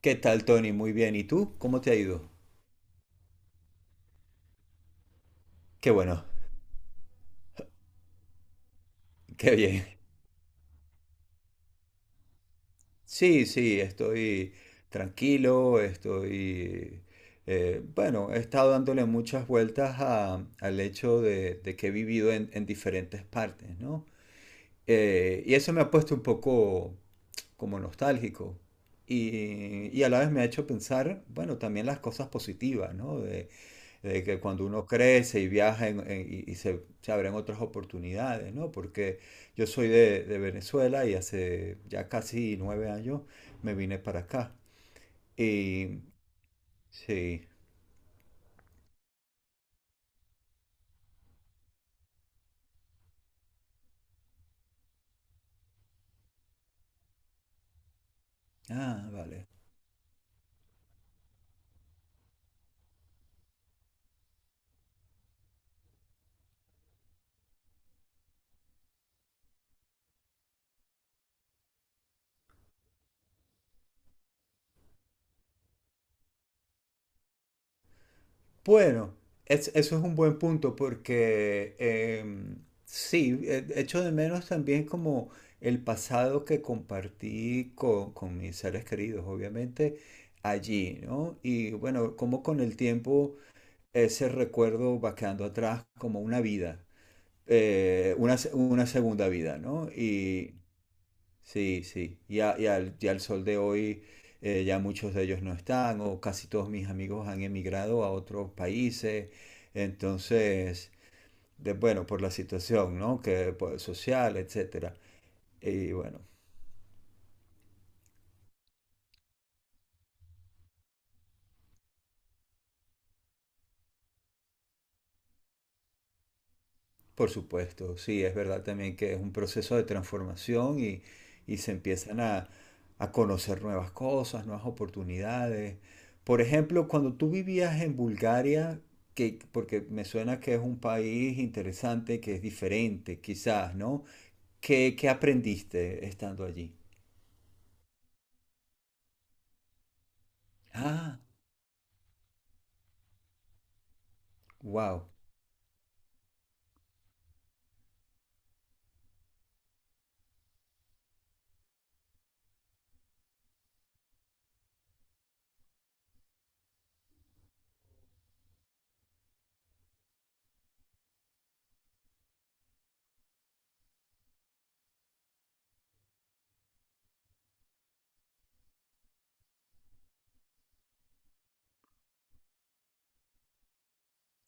¿Qué tal, Tony? Muy bien. ¿Y tú? ¿Cómo te ha ido? Qué bueno, qué bien. Sí, sí, estoy tranquilo, estoy... bueno, he estado dándole muchas vueltas al hecho de que he vivido en diferentes partes, ¿no? Y eso me ha puesto un poco como nostálgico. Y a la vez me ha hecho pensar, bueno, también las cosas positivas, ¿no? De que cuando uno crece y viaja y se abren otras oportunidades, ¿no? Porque yo soy de Venezuela y hace ya casi nueve años me vine para acá. Y sí, ah, vale. Bueno, eso es un buen punto porque sí, echo de menos también como el pasado que compartí con mis seres queridos, obviamente, allí, ¿no? Y bueno, como con el tiempo ese recuerdo va quedando atrás como una vida, una segunda vida, ¿no? Y sí, sí, y al sol de hoy ya muchos de ellos no están, o casi todos mis amigos han emigrado a otros países, entonces, de, bueno, por la situación, ¿no? Que, pues, social, etcétera. Y bueno, por supuesto, sí, es verdad también que es un proceso de transformación y se empiezan a conocer nuevas cosas, nuevas oportunidades. Por ejemplo, cuando tú vivías en Bulgaria, que, porque me suena que es un país interesante, que es diferente, quizás, ¿no? ¿Qué, qué aprendiste estando allí? Ah, wow.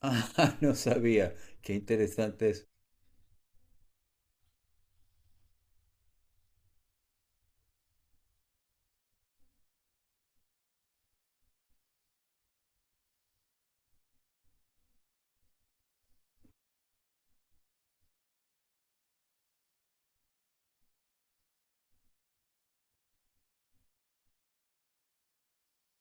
Ah, no sabía. Qué interesante es.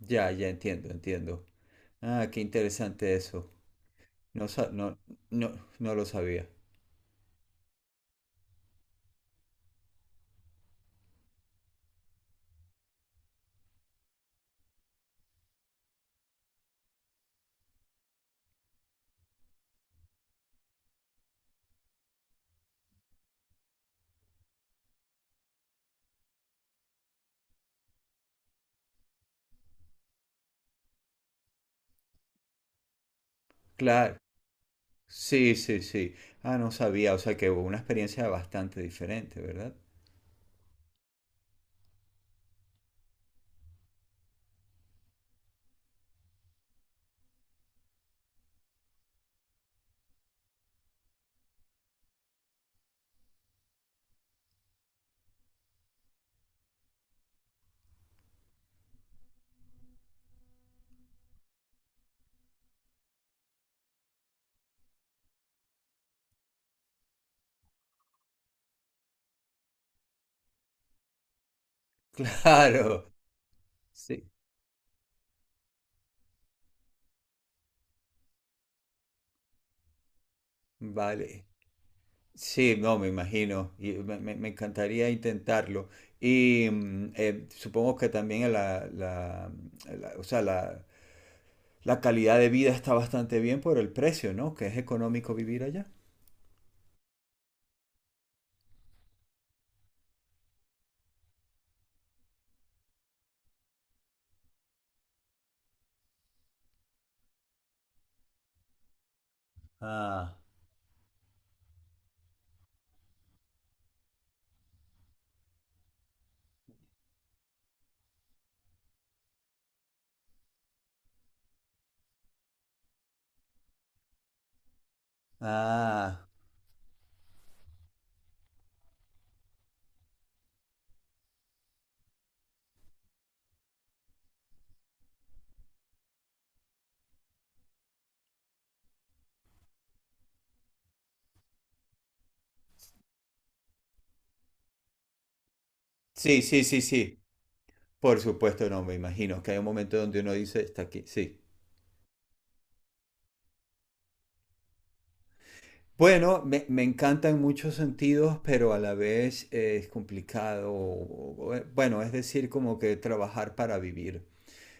Ya, ya entiendo, entiendo. Ah, qué interesante eso. No, no, no, no lo sabía. Claro, sí, sí, sí. Ah, no sabía, o sea que hubo una experiencia bastante diferente, ¿verdad? Claro, sí, vale. Sí, no, me imagino, y me encantaría intentarlo. Y supongo que también o sea, la calidad de vida está bastante bien por el precio, ¿no? Que es económico vivir allá. Ah, ah. Sí, sí, sí, sí. Por supuesto, no, me imagino que hay un momento donde uno dice, está aquí, sí. Bueno, me encanta en muchos sentidos, pero a la vez es complicado. Bueno, es decir, como que trabajar para vivir.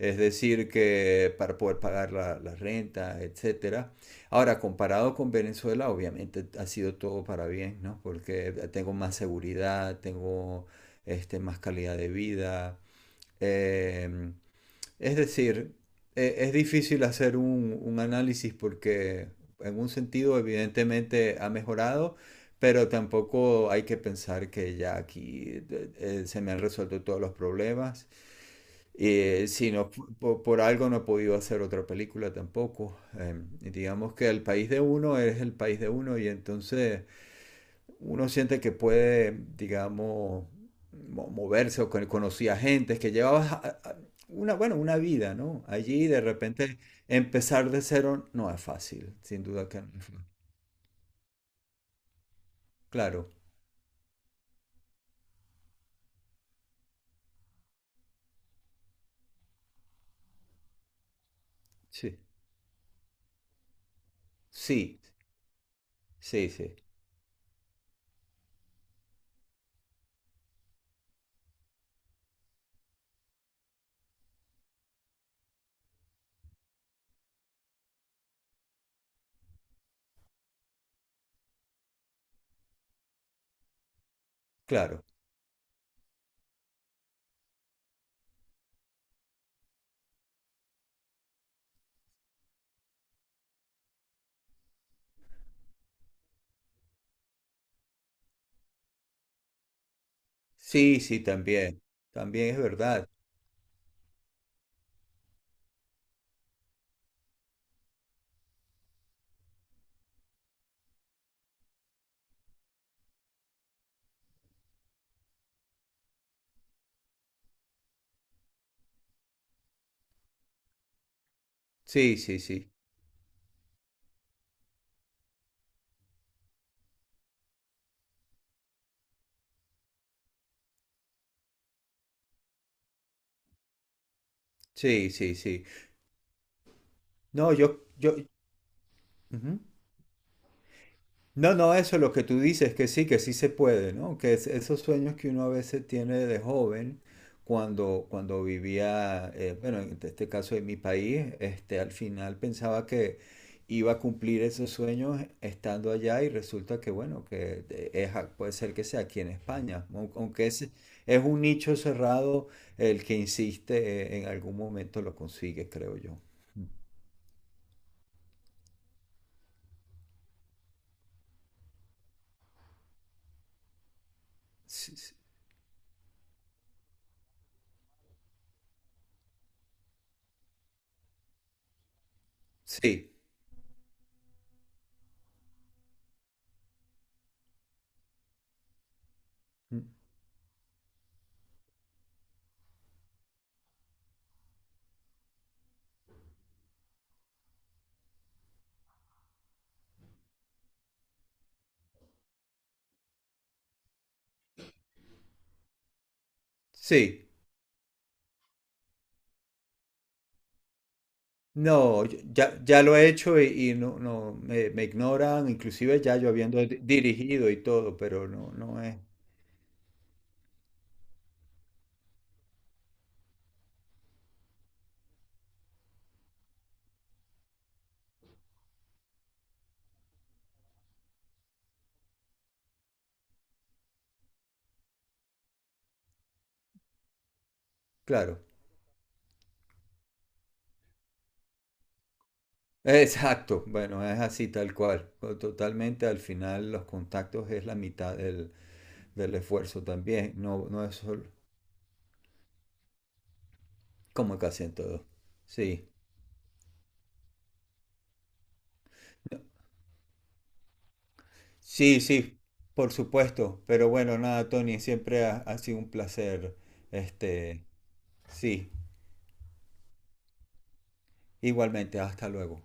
Es decir, que para poder pagar la renta, etcétera. Ahora, comparado con Venezuela, obviamente ha sido todo para bien, ¿no? Porque tengo más seguridad, tengo este, más calidad de vida. em, es decir, es difícil hacer un análisis porque en un sentido evidentemente ha mejorado, pero tampoco hay que pensar que ya aquí se me han resuelto todos los problemas. Y si no, algo no he podido hacer otra película tampoco. Y digamos que el país de uno es el país de uno y entonces uno siente que puede, digamos, moverse o conocía gente que llevabas una vida, ¿no? Allí de repente empezar de cero no es fácil, sin duda que no es fácil. Claro, sí, sí, sí, sí, claro. Sí, sí, también, también es verdad. Sí, sí, sí, sí, sí, sí. No, yo, ujú. No, no, eso es lo que tú dices, que sí se puede, ¿no? Que esos sueños que uno a veces tiene de joven, cuando vivía, bueno, en este caso en mi país, este, al final pensaba que iba a cumplir esos sueños estando allá y resulta que, bueno, que puede ser que sea aquí en España, aunque es un nicho cerrado, el que insiste, en algún momento lo consigue, creo yo. Sí, sí, sí, mm, sí. No, ya lo he hecho y no, me ignoran, inclusive ya yo habiendo dirigido y todo, pero no, no es, claro. Exacto, bueno, es así tal cual. O totalmente al final los contactos es la mitad del esfuerzo también, no, no es solo como casi en todo. Sí, sí, sí, por supuesto, pero bueno, nada, Tony, siempre ha, ha sido un placer, este, sí, igualmente, hasta luego.